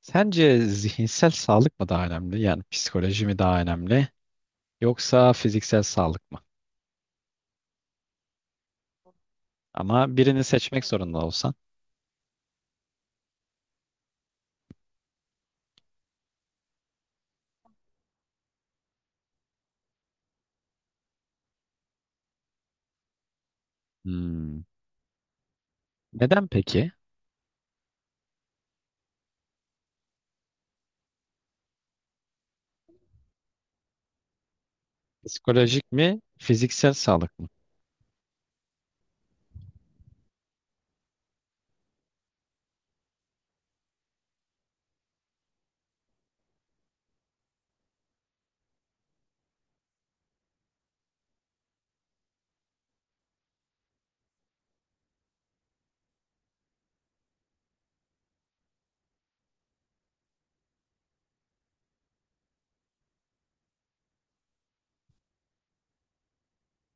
Sence zihinsel sağlık mı daha önemli? Yani psikoloji mi daha önemli? Yoksa fiziksel sağlık mı? Ama birini seçmek zorunda olsan. Hmm. Neden peki? Psikolojik mi, fiziksel sağlık mı?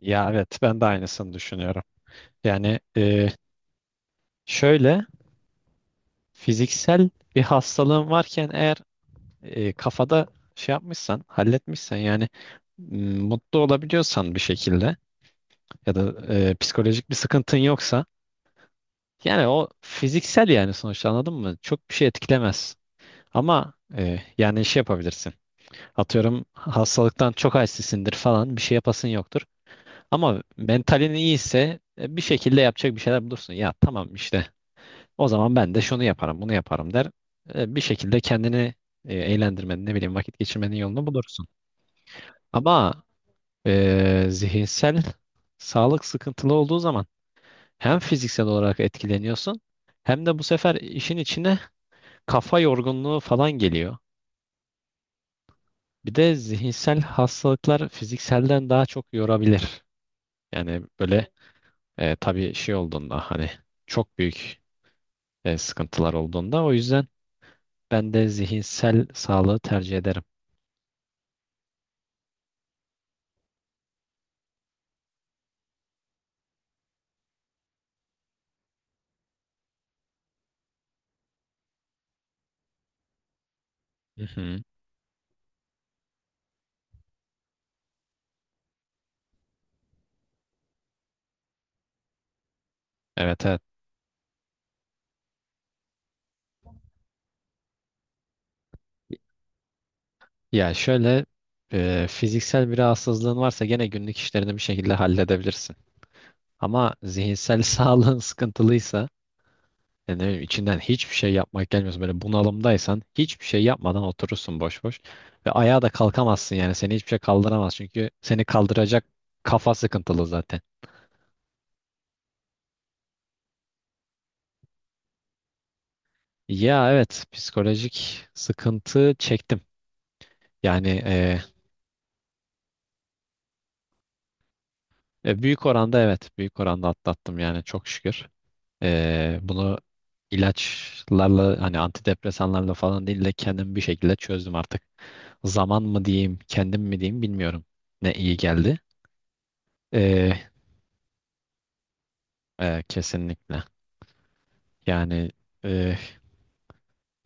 Ya evet, ben de aynısını düşünüyorum. Yani şöyle, fiziksel bir hastalığın varken eğer kafada şey yapmışsan, halletmişsen yani mutlu olabiliyorsan bir şekilde ya da psikolojik bir sıkıntın yoksa yani o fiziksel yani sonuçta anladın mı? Çok bir şey etkilemez. Ama yani şey yapabilirsin. Atıyorum hastalıktan çok halsizsindir falan bir şey yapasın yoktur. Ama mentalin iyiyse bir şekilde yapacak bir şeyler bulursun. Ya tamam işte o zaman ben de şunu yaparım bunu yaparım der. Bir şekilde kendini eğlendirmenin ne bileyim vakit geçirmenin yolunu bulursun. Ama Zihinsel sağlık sıkıntılı olduğu zaman hem fiziksel olarak etkileniyorsun hem de bu sefer işin içine kafa yorgunluğu falan geliyor. Bir de zihinsel hastalıklar fizikselden daha çok yorabilir. Yani böyle tabii şey olduğunda hani çok büyük sıkıntılar olduğunda o yüzden ben de zihinsel sağlığı tercih ederim. Hı hı. Evet evet. Ya şöyle fiziksel bir rahatsızlığın varsa gene günlük işlerini bir şekilde halledebilirsin. Ama zihinsel sağlığın sıkıntılıysa yani ne bileyim, içinden hiçbir şey yapmak gelmiyorsa böyle bunalımdaysan hiçbir şey yapmadan oturursun boş boş ve ayağa da kalkamazsın yani seni hiçbir şey kaldıramaz çünkü seni kaldıracak kafa sıkıntılı zaten. Ya evet, psikolojik sıkıntı çektim. Yani e, Büyük oranda evet, büyük oranda atlattım yani çok şükür. Bunu ilaçlarla hani antidepresanlarla falan değil de kendim bir şekilde çözdüm artık. Zaman mı diyeyim, kendim mi diyeyim bilmiyorum. Ne iyi geldi. Ee, Kesinlikle. Yani e,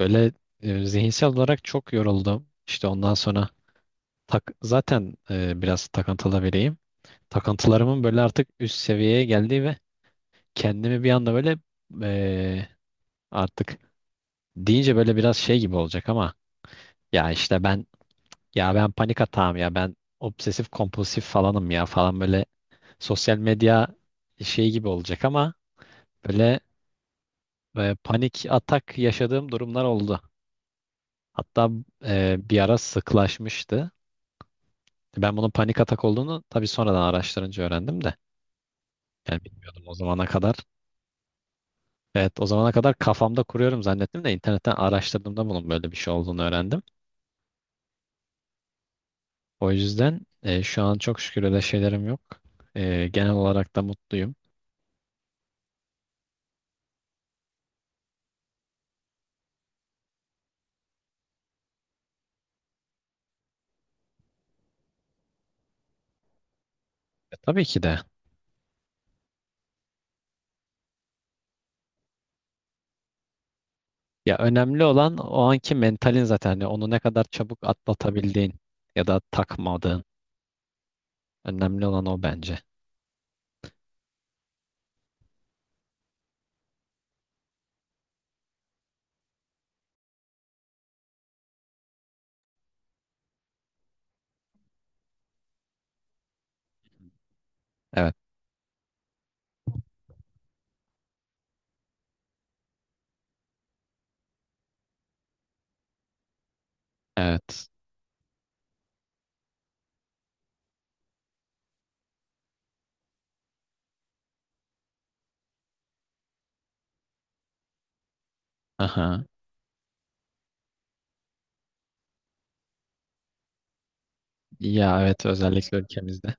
böyle zihinsel olarak çok yoruldum. İşte ondan sonra zaten biraz takıntılı biriyim. Takıntılarımın böyle artık üst seviyeye geldiği ve kendimi bir anda böyle e, artık deyince böyle biraz şey gibi olacak ama ya işte ben ya ben panik atağım ya ben obsesif kompulsif falanım ya falan böyle sosyal medya şey gibi olacak ama böyle. Ve panik atak yaşadığım durumlar oldu. Hatta bir ara sıklaşmıştı. Ben bunun panik atak olduğunu tabii sonradan araştırınca öğrendim de. Yani bilmiyordum o zamana kadar. Evet, o zamana kadar kafamda kuruyorum zannettim de internetten araştırdığımda bunun böyle bir şey olduğunu öğrendim. O yüzden şu an çok şükür öyle şeylerim yok. Genel olarak da mutluyum. Tabii ki de. Ya önemli olan o anki mentalin zaten. Yani onu ne kadar çabuk atlatabildiğin ya da takmadığın. Önemli olan o bence. Evet, evet. Aha. Ya evet, özellikle ülkemizde.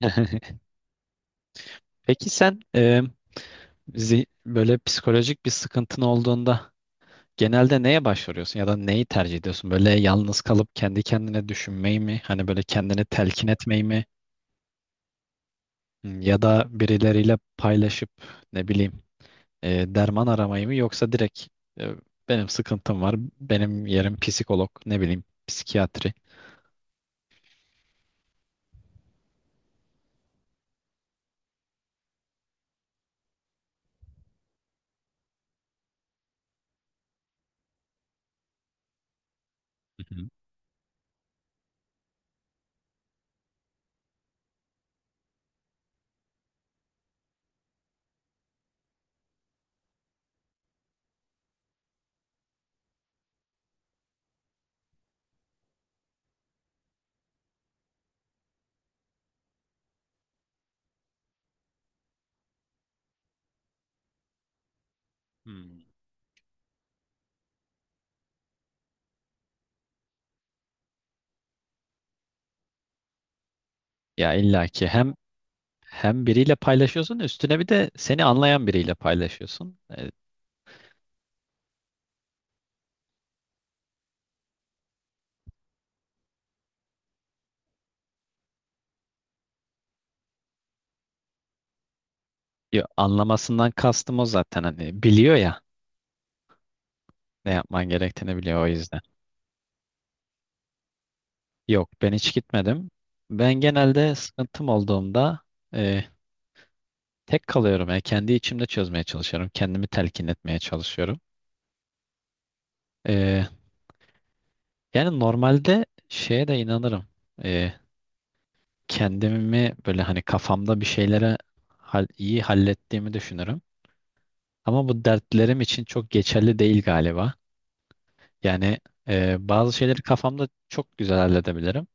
Peki sen böyle psikolojik bir sıkıntın olduğunda genelde neye başvuruyorsun ya da neyi tercih ediyorsun? Böyle yalnız kalıp kendi kendine düşünmeyi mi? Hani böyle kendini telkin etmeyi mi? Hmm. Ya da birileriyle paylaşıp ne bileyim derman aramayı mı? Yoksa direkt e, benim sıkıntım var, benim yerim psikolog, ne bileyim psikiyatri. Hı hı. Hmm. Ya illaki hem biriyle paylaşıyorsun, üstüne bir de seni anlayan biriyle paylaşıyorsun. Anlamasından kastım o zaten, hani biliyor ya ne yapman gerektiğini biliyor o yüzden. Yok, ben hiç gitmedim. Ben genelde sıkıntım olduğumda e, tek kalıyorum. Yani kendi içimde çözmeye çalışıyorum. Kendimi telkin etmeye çalışıyorum. E, Yani normalde şeye de inanırım. E, Kendimi böyle hani kafamda bir şeylere iyi hallettiğimi düşünürüm. Ama bu dertlerim için çok geçerli değil galiba. Yani bazı şeyleri kafamda çok güzel halledebilirim.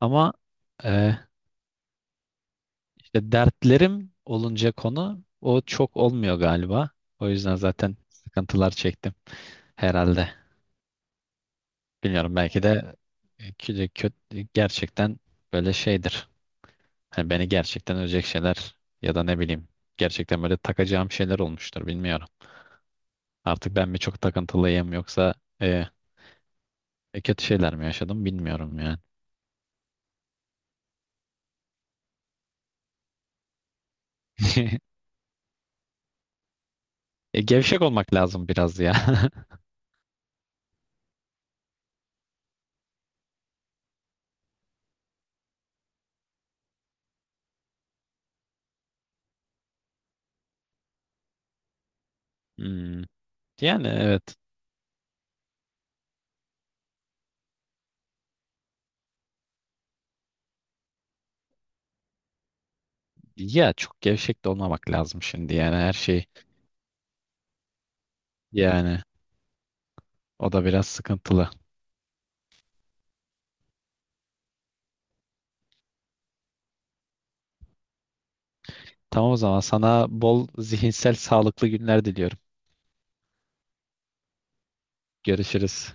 Ama e, işte dertlerim olunca konu o çok olmuyor galiba. O yüzden zaten sıkıntılar çektim herhalde. Bilmiyorum, belki de kötü, kötü gerçekten böyle şeydir. Hani beni gerçekten ölecek şeyler ya da ne bileyim gerçekten böyle takacağım şeyler olmuştur, bilmiyorum. Artık ben mi çok takıntılıyım yoksa e, kötü şeyler mi yaşadım, bilmiyorum yani. E, gevşek olmak lazım biraz ya. Hmm. Yani evet. Ya çok gevşek de olmamak lazım şimdi, yani her şey. Yani o da biraz sıkıntılı. Tamam, o zaman sana bol zihinsel sağlıklı günler diliyorum. Görüşürüz.